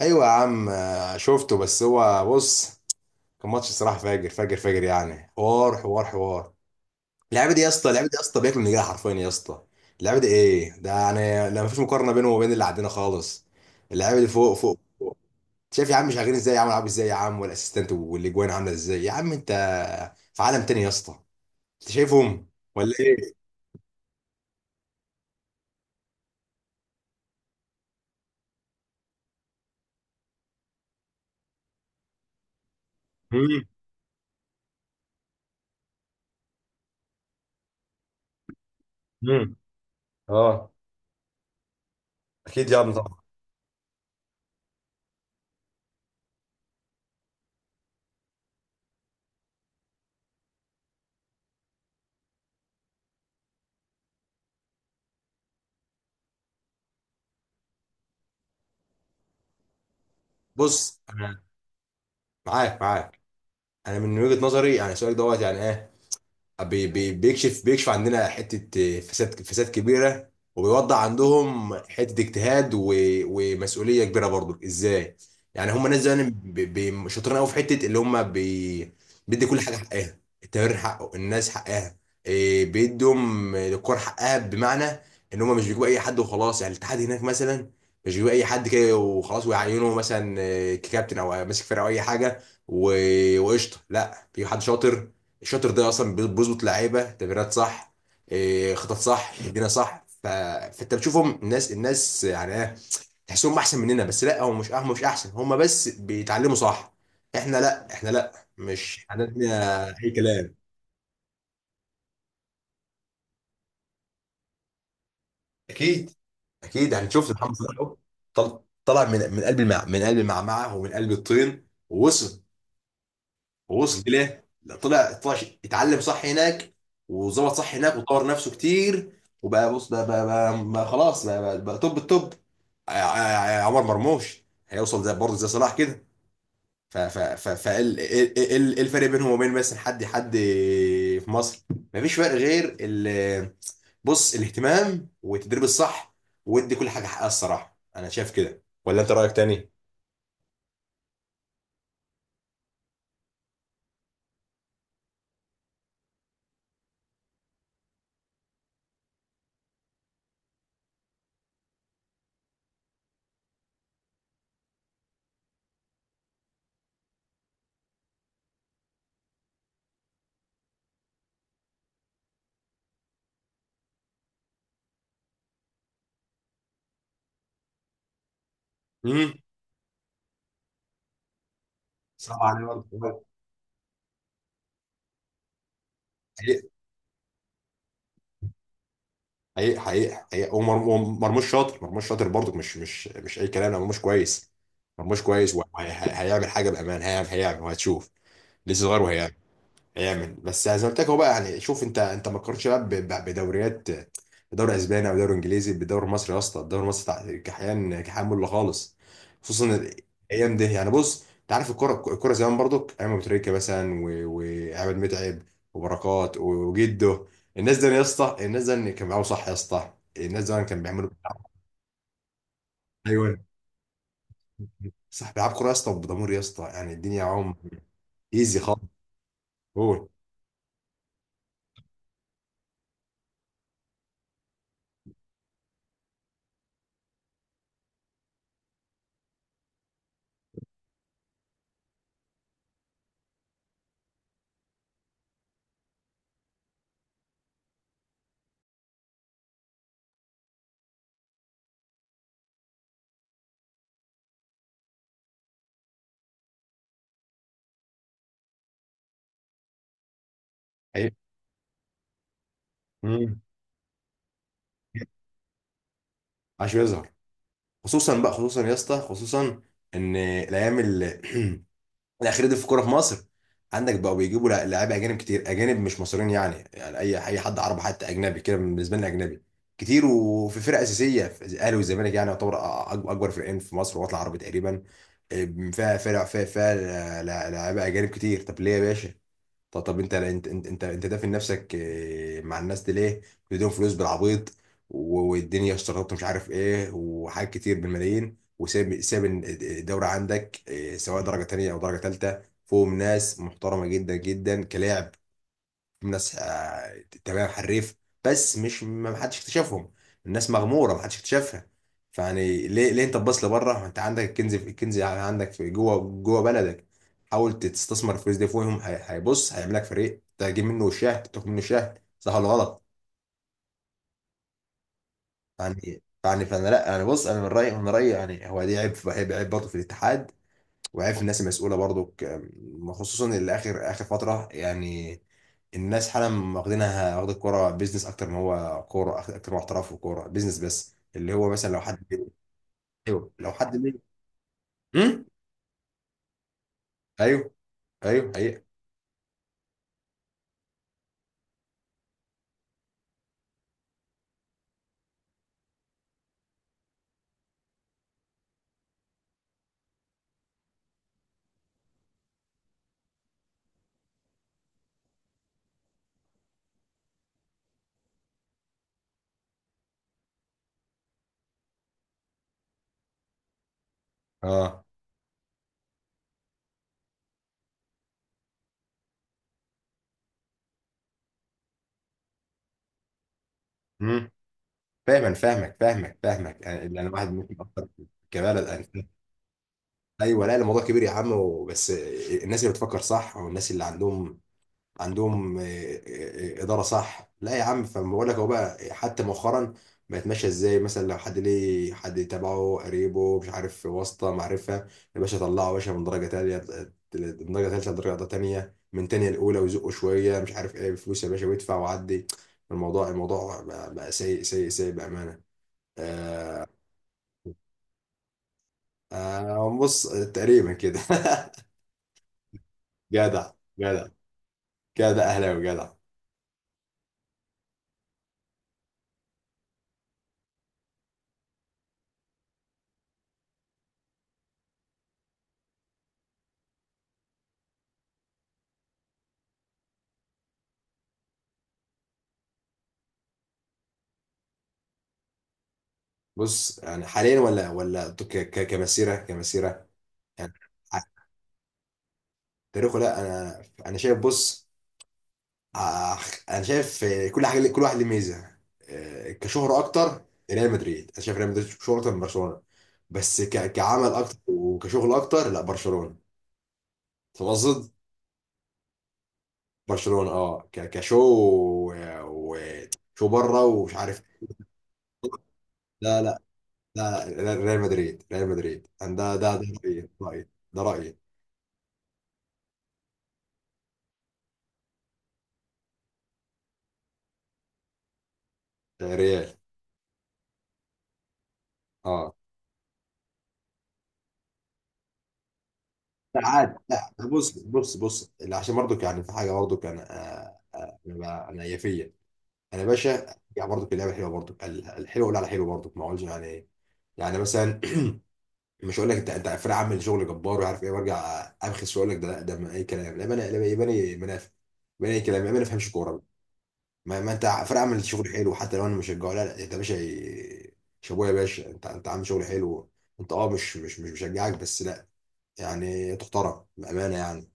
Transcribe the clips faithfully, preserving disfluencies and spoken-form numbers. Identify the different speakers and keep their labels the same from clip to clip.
Speaker 1: ايوه يا عم، آه، شفته. بس هو بص. كان ماتش صراحه فاجر فاجر فاجر، يعني حوار حوار حوار. اللعيبه دي يا اسطى، اللعيبه دي يا اسطى بياكل من رجلها حرفيا يا اسطى. اللعيبه دي ايه ده يعني؟ لا، مفيش مقارنه بينه وبين اللي عندنا خالص. اللعيبه دي فوق فوق. شايف يا عم شغالين ازاي يا عم، لعب ازاي يا عم، والاسيستنت والاجوان عامله ازاي يا عم؟ انت في عالم تاني يا اسطى. انت شايفهم ولا ايه؟ امم. امم. اه. اكيد يا عم طبعا. بص انا، معاك معاك. انا من وجهه نظري يعني، سؤالك دوت يعني ايه، بي بي بيكشف بيكشف عندنا حته فساد، فساد كبيره. وبيوضح عندهم حته اجتهاد و- ومسؤوليه كبيره برضو. ازاي؟ يعني هم ناس زمان بي- بي- شاطرين قوي في حته اللي هم بي بيدي كل حاجه حقها. التمرين حقه، الناس حقها، إيه، بيدهم الكور حقها. بمعنى ان هم مش بيجيبوا اي حد وخلاص. يعني الاتحاد هناك مثلا مش بيجيبوا اي حد كده وخلاص، ويعينه مثلا إيه، ككابتن او ماسك فرقه او اي حاجه. و- وقشطه، لا، بيجيب حد شاطر. الشاطر ده اصلا بيظبط لعيبه، تمريرات صح، إيه، خطط صح، تمريره صح. ف... فانت بتشوفهم الناس، الناس يعني ايه، تحسهم احسن مننا. بس لا، هم مش هم مش احسن، هم بس بيتعلموا صح. احنا لا، احنا لا مش عندنا اي كلام. اكيد. اكيد، يعني شفت محمد صلاح أهو. طل... طلع من من قلب المع... من قلب المعمعه ومن قلب الطين، ووصل. ووصل ليه؟ لا، طلع، طلع ش- اتعلم صح هناك، وظبط صح هناك، وطور نفسه كتير. وبقى بص، بقى, بقى, بقى, بقى خلاص، بقى, بقى, بقى توب التوب. ع- ع- عمر مرموش هيوصل زي، برضه زي صلاح كده. ف ف ف ف ال- ال- ال- الفرق بينهم وبين مثلا حد، حد في مصر، مفيش فرق غير ال- بص، الاهتمام والتدريب الصح، ودي كل حاجه حقها الصراحه. انا شايف كده، ولا انت رايك تاني؟ امم. صعب عليا برضه. حقيقي حقيقي حقيقي. ومر- ومرموش شاطر، مرموش شاطر برضك، مش مش مش اي كلام. لا، مرموش كويس. مرموش كويس وهيعمل حاجه بامان، هيعمل، هيعمل وهتشوف. لسه صغير. يعمل بس زي ما قلت لك. هو بقى يعني، شوف انت انت ما تقارنش بقى ب- ب- بدوريات، بدوري اسباني او دوري انجليزي بدوري مصري يا اسطى. الدوري المصري تع- كحيان كحيان مله خالص، خصوصا الايام دي يعني. بص، انت عارف الكوره، الكوره زمان برضك، ايام ابو تريكه مثلا و- وعماد متعب وبركات وجده. الناس دي يا اسطى، الناس دي كان بيلعبوا صح يا اسطى، الناس دي كان بيعملوا. ايوه، صح، بيلعبوا كوره يا اسطى، بضمير يا اسطى، يعني الدنيا معاهم ايزي خالص. هو أيوة. مم. عشان يظهر. خصوصا بقى، خصوصا يا اسطى، خصوصا ان الايام ال- الاخيره دي في الكوره في مصر، عندك بقوا بيجيبوا لع- لعيبه اجانب كتير، اجانب مش مصريين، يعني يعني اي اي حد عربي، حتى اجنبي كده بالنسبه لنا اجنبي كتير. وفي فرق اساسيه في الاهلي والزمالك، يعني يعتبر أ- أ- اكبر فرقين في مصر، وطلع عربي تقريبا، إيه، فيها فرق، فيها فيها لع- لع- لعيبه اجانب كتير. طب ليه يا باشا؟ طب، طب انت انت انت انت, انت دافن نفسك آه، مع الناس دي ليه؟ بتديهم فلوس بالعبيط، و- والدنيا اشتراطات مش عارف ايه وحاجات كتير بالملايين، وساب، ساب الدورة عندك آه، سواء درجة تانية او درجة تالتة، فوق ناس محترمة جدا جدا كلاعب. الناس آه، تمام، حريف، بس مش، ما حدش اكتشفهم. الناس مغموره، ما حدش اكتشفها. فيعني ليه، ليه انت تبص لبره؟ ما انت عندك الكنز، في الكنز عندك في جوه، جوه بلدك. حاول تستثمر الفلوس دي فيهم. هي- هيبص هيعمل لك فريق، تجيب منه شاه، تاخد منه شاه. صح ولا غلط؟ يعني يعني فانا، لا انا بص، انا من رايي، من رايي، يعني هو دي عيب، عيب عيب برضه في الاتحاد، وعارف الناس المسؤوله برضو، خصوصا اللي اخر، اخر فتره يعني. الناس حالا واخدينها، واخد الكوره بيزنس اكتر ما هو كوره، اكتر ما هو احتراف، وكوره بيزنس بس. اللي هو مثلا لو حد. ايوه، لو حد مين. امم. ايوه، ايوه حقيقه. اه. امم. فاهم، أنا فاهمك، فاهمك فاهمك يعني، اللي انا واحد ممكن اكتر، كبلد. أنا. ايوه لا، الموضوع كبير يا عم، بس الناس اللي بتفكر صح، والناس اللي عندهم، عندهم آه، آه، آه، اداره صح. لا يا عم، فبقول لك هو بقى حتى مؤخرا بقت ماشيه ازاي. مثلا لو حد ليه حد تبعه قريبه، مش عارف، واسطه، معرفه، يا باشا طلعه يا باشا من درجه تانيه، من درجه ثالثه لدرجه تانيه، من تانيه الاولى، ويزقه شويه مش عارف ايه، بفلوس يا باشا، ويدفع وعدي. الموضوع، الموضوع بقى, بقى سيء سيء سيء بامانه. آه. آه، بص، تقريبا كده. جدع. جدع. جدع اهلاوي، جدع. بص يعني حاليا، ولا ولا ك- ك- كمسيره، كمسيره يعني، ع- تاريخه، لا انا، انا شايف، بص، ع- انا شايف آه، كل حاجه، كل واحد له ميزه. آه، كشهره اكتر، ريال مدريد. انا شايف ريال مدريد شهره اكتر من برشلونه. بس ك- كعمل اكتر، وكشغل اكتر، لا، برشلونه. فاهم قصد. برشلونه اه، ك- كشو و- و- شو بره، ومش عارف. لا لا، لا لا، ريال مدريد، ريال مدريد أنا، ده ده ده رايي، رايي، ده رايي. آه، ريال. اه. لا عادي، لا بص، بص بص، لا، عشان برضك يعني في حاجه برضك انا، آه، آه، انا بقى- انا يافيه، انا يا باشا يعني برضك، اللعبه حلوه برضك، ال- الحلو ولا على حلو برضك ما اقولش. يعني، يعني مثلا، مش هقول لك انت، انت فرق عامل شغل جبار وعارف ايه، وارجع ابخس واقول لك ده، لا ده ما اي كلام، لا. انا لا يباني منافق، يباني اي كلام، يباني ما فهمش كوره. ما, ما انت فرق عامل شغل حلو حتى لو انا مشجعه. لا لا، انت يا باشا شابوه يا باشا، انت، انت عامل شغل حلو. انت اه، مش مش مش مشجعك بس، لا، يعني تحترم بامانه يعني.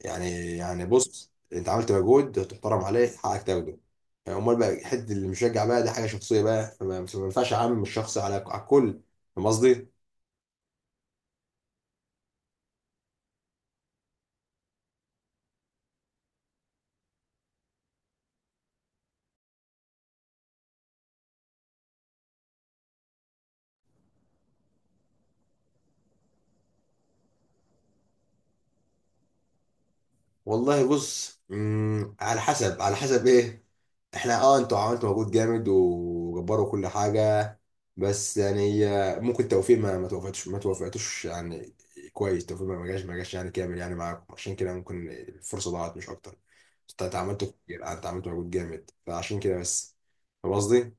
Speaker 1: يعني، يعني بص، انت عملت مجهود، تحترم عليه، حقك تاخده يعني. امال بقى حته اللي مشجع بقى دي، حاجه شخصيه بقى، فما ما ينفعش اعمم الشخص على على الكل. فاهم قصدي؟ والله بص، مم، على حسب، على حسب ايه. احنا اه، انتوا عملتوا مجهود جامد وجبروا كل حاجه، بس يعني آه، ممكن توفيق ما ما توفقتش، ما توفقتوش يعني كويس. توفيق ما ما جاش، ما جاش يعني كامل يعني معاكم، عشان كده ممكن الفرصه ضاعت، مش اكتر. انت أنت عملتوا كتير، انت عملتوا مجهود جامد، فعشان كده بس. فاهم قصدي؟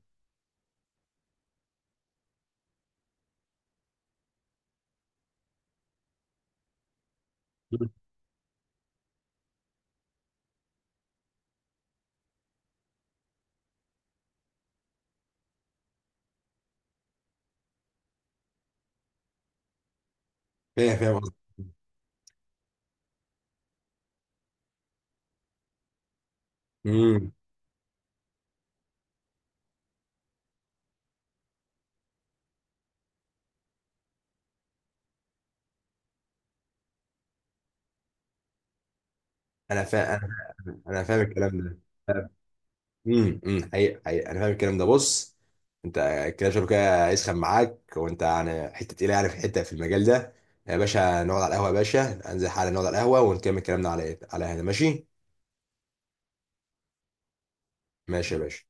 Speaker 1: مم. فاهم، فاهم قصدي؟ مم. انا فاهم. انا، انا فاهم الكلام ده. امم. امم، حقيقة حقيقة. انا فاهم الكلام ده، بص، انت كده شغل كده هيسخن معاك، وانت يعني حته تقيله يعني في حته في المجال ده. يا باشا نقعد على القهوه يا باشا. انزل حالا نقعد على القهوه ونكمل كلامنا. على إيه؟ على هنا، ماشي. ماشي يا باشا.